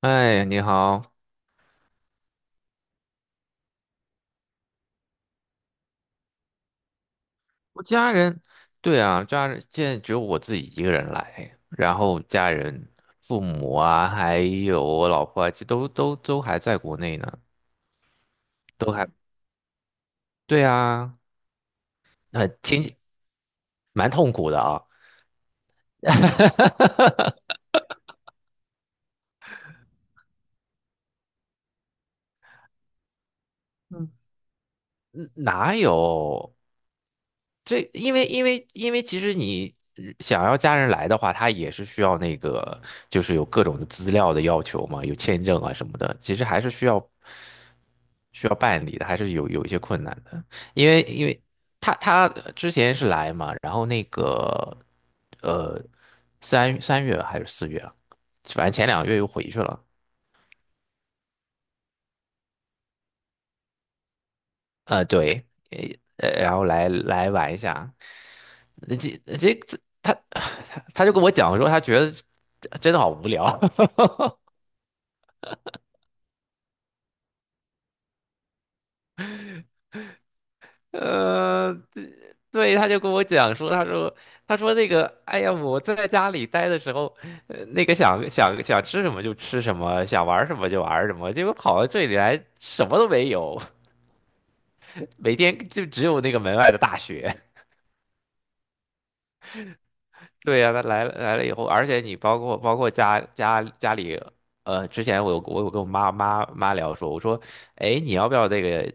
哎，你好。我家人，对啊，家人现在只有我自己一个人来，然后家人、父母啊，还有我老婆啊，这都还在国内呢，都还，对啊，很挺蛮痛苦的啊。嗯，嗯哪有？这因为其实你想要家人来的话，他也是需要那个，就是有各种的资料的要求嘛，有签证啊什么的，其实还是需要办理的，还是有一些困难的。因为他之前是来嘛，然后那个呃三月还是四月啊反正前两个月又回去了。呃，对，呃，然后来玩一下，这他他就跟我讲说，他觉得真的好无聊。呃，对，他就跟我讲说，他说那个，哎呀，我在家里待的时候，那个想吃什么就吃什么，想玩什么就玩什么，结果跑到这里来什么都没有，每天就只有那个门外的大雪。对呀、他来了以后，而且你包括家里，呃，之前我有跟我妈妈聊说，我说，哎，你要不要这个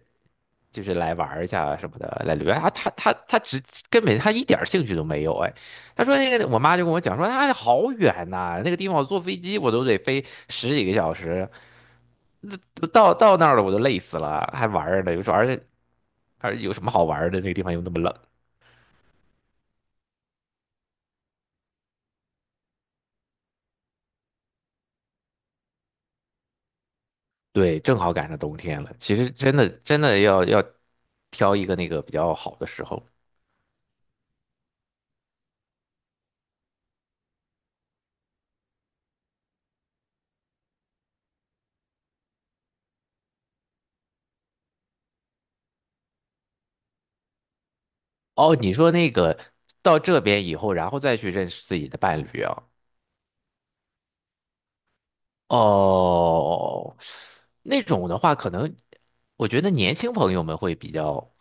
就是来玩儿一下什么的，来旅游？啊，他根本他一点儿兴趣都没有。哎，他说那个我妈就跟我讲说，啊，好远呐、那个地方我坐飞机我都得飞十几个小时，都到那儿了我都累死了，还玩儿呢，有时候而且有什么好玩儿的？那个地方又那么冷。对，正好赶上冬天了。其实真的要挑一个那个比较好的时候。哦，你说那个到这边以后，然后再去认识自己的伴侣啊？哦，那种的话，可能我觉得年轻朋友们会比较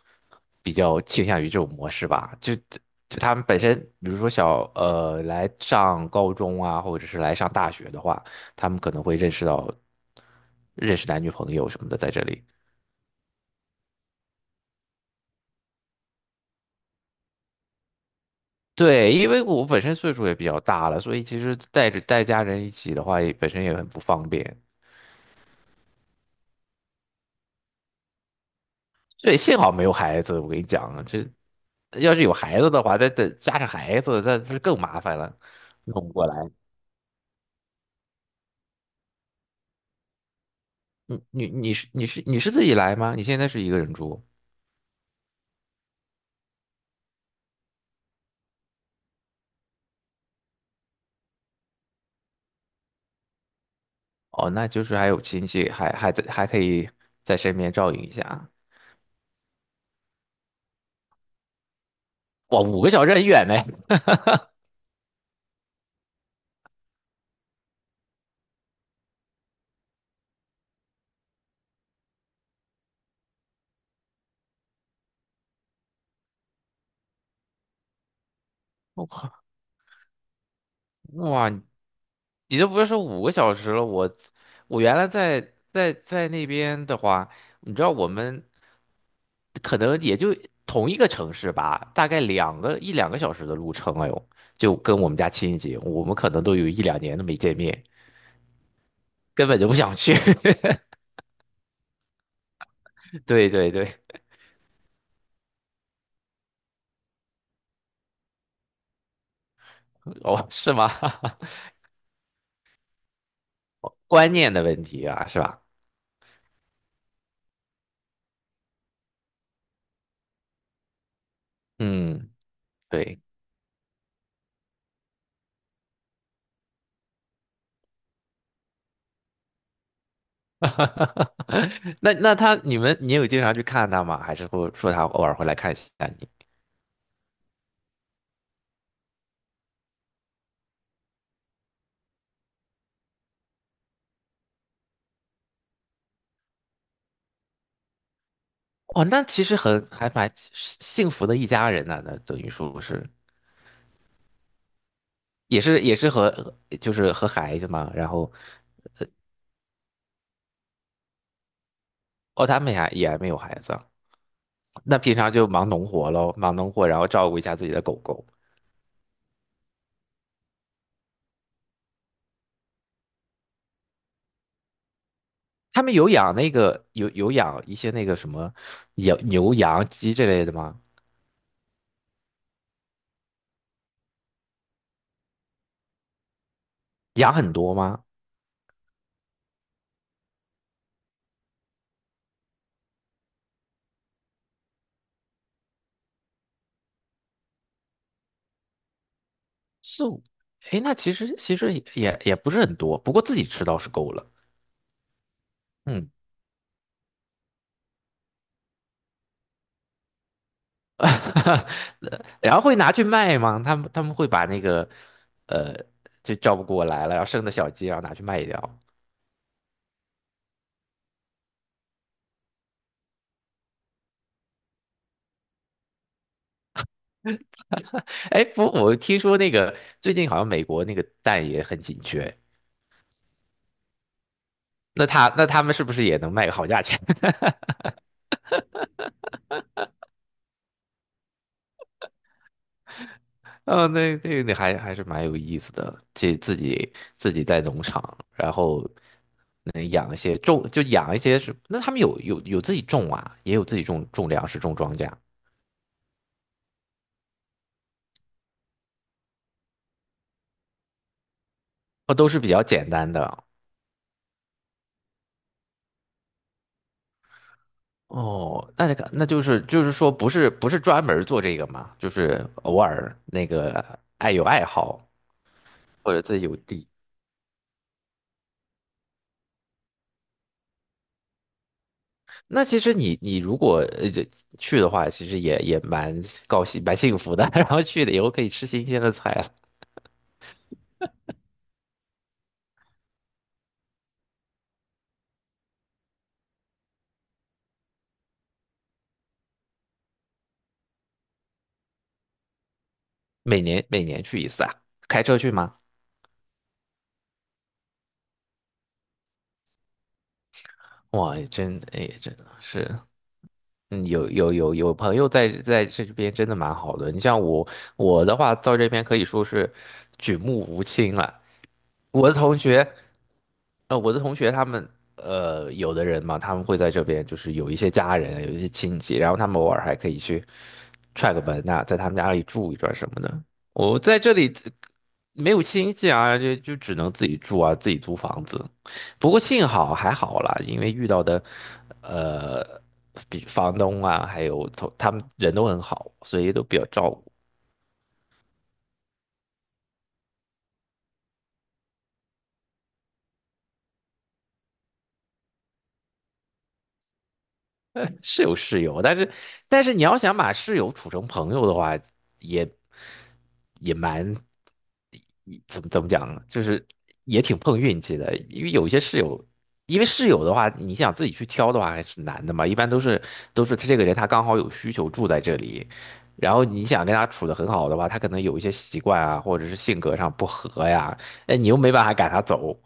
比较倾向于这种模式吧。就他们本身，比如说来上高中啊，或者是来上大学的话，他们可能会认识男女朋友什么的在这里。对，因为我本身岁数也比较大了，所以其实带家人一起的话，也本身也很不方便。对，幸好没有孩子，我跟你讲，这要是有孩子的话，再加上孩子，那不是更麻烦了，弄不过来。你是自己来吗？你现在是一个人住？哦，那就是还有亲戚，还可以在身边照应一下。哇，五个小时很远呢。我靠，哇，你就不是说五个小时了。我原来在那边的话，你知道我们可能也就同一个城市吧，大概两个小时的路程哎呦，就跟我们家亲戚，我们可能都有一两年都没见面，根本就不想去。对对对。哦，是吗？观念的问题啊，是吧？嗯，对。那那他，你们，你有经常去看他吗？还是说他偶尔会来看一下你？哦，那其实很还蛮幸福的一家人呢。那等于说是也是和就是和孩子嘛，然后哦，他们也还没有孩子啊。那平常就忙农活喽，忙农活，然后照顾一下自己的狗狗。他们有养那个有养一些那个什么养牛羊鸡这类的吗？养很多吗？四五，哎，那其实也也不是很多，不过自己吃倒是够了。嗯。然后会拿去卖吗？他们会把那个，呃，就照不过来了，然后生的小鸡，然后拿去卖掉。哎，不，我听说那个最近好像美国那个蛋也很紧缺，那他们是不是也能卖个好价钱？哦，那还还是蛮有意思的，就自己在农场，然后能养一些种，就养一些什那他们有自己种啊，也有自己种种粮食、种庄稼。哦，都是比较简单的。哦，那那个，那就是就是说，不是专门做这个嘛，就是偶尔那个爱好或者自己有地。那其实你你如果去的话，其实也蛮高兴蛮幸福的。然后去了以后可以吃新鲜的菜了。每年去一次啊？开车去吗？哇，真的是。嗯，有朋友在这边真的蛮好的。你像我我的话，到这边可以说是举目无亲了。我的同学。呃，我的同学他们，呃，有的人嘛，他们会在这边，就是有一些家人，有一些亲戚，然后他们偶尔还可以去踹个门呐、在他们家里住一段什么的。我在这里这没有亲戚啊，就只能自己住啊，自己租房子。不过幸好还好啦，因为遇到的，呃，比房东啊，还有同他们人都很好，所以都比较照顾。是有室友，但是但是你要想把室友处成朋友的话，也也蛮怎么讲呢，就是也挺碰运气的，因为有一些室友，因为室友的话，你想自己去挑的话还是难的嘛。一般都是他这个人他刚好有需求住在这里，然后你想跟他处得很好的话，他可能有一些习惯啊，或者是性格上不合呀。哎，你又没办法赶他走。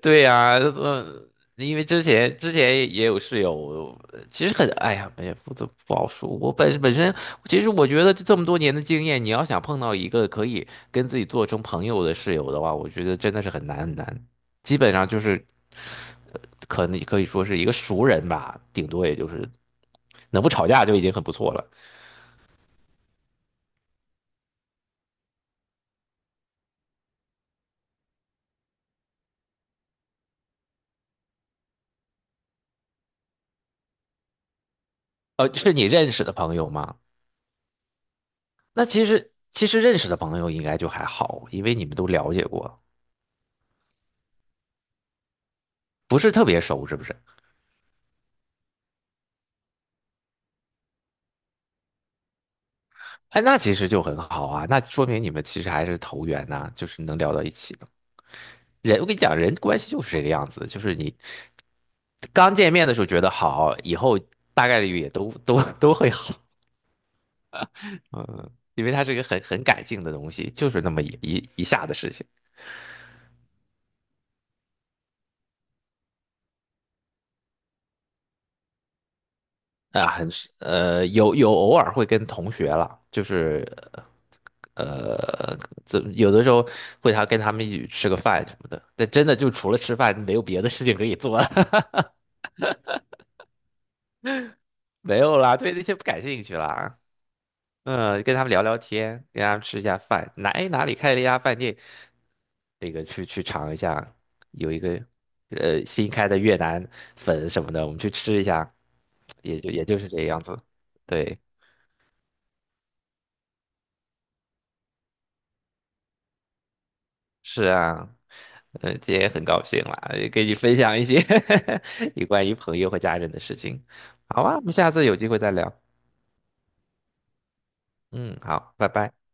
对呀、呃因为之前也有室友，其实很，哎呀，也不好说。我本身，其实我觉得这么多年的经验，你要想碰到一个可以跟自己做成朋友的室友的话，我觉得真的是很难。基本上就是，呃可能可以说是一个熟人吧，顶多也就是能不吵架就已经很不错了。呃，是你认识的朋友吗？那其实认识的朋友应该就还好，因为你们都了解过，不是特别熟，是不是？哎，那其实就很好啊，那说明你们其实还是投缘呐、就是能聊到一起的。人，我跟你讲，人关系就是这个样子，就是你刚见面的时候觉得好，以后大概率也都会好。嗯，因为它是一个很感性的东西，就是那么一下的事情啊，很是呃，有偶尔会跟同学了，就是呃，有的时候会他跟他们一起吃个饭什么的，但真的就除了吃饭没有别的事情可以做了。没有啦，对那些不感兴趣啦。啊嗯，跟他们聊聊天，跟他们吃一下饭，哪哎哪里开了一家饭店，那个去去尝一下，有一个呃新开的越南粉什么的，我们去吃一下，也就是这个样子。对，是啊。嗯，今天也很高兴啦，也跟你分享一些 有关于朋友和家人的事情。好啊，我们下次有机会再聊。嗯，好，拜拜。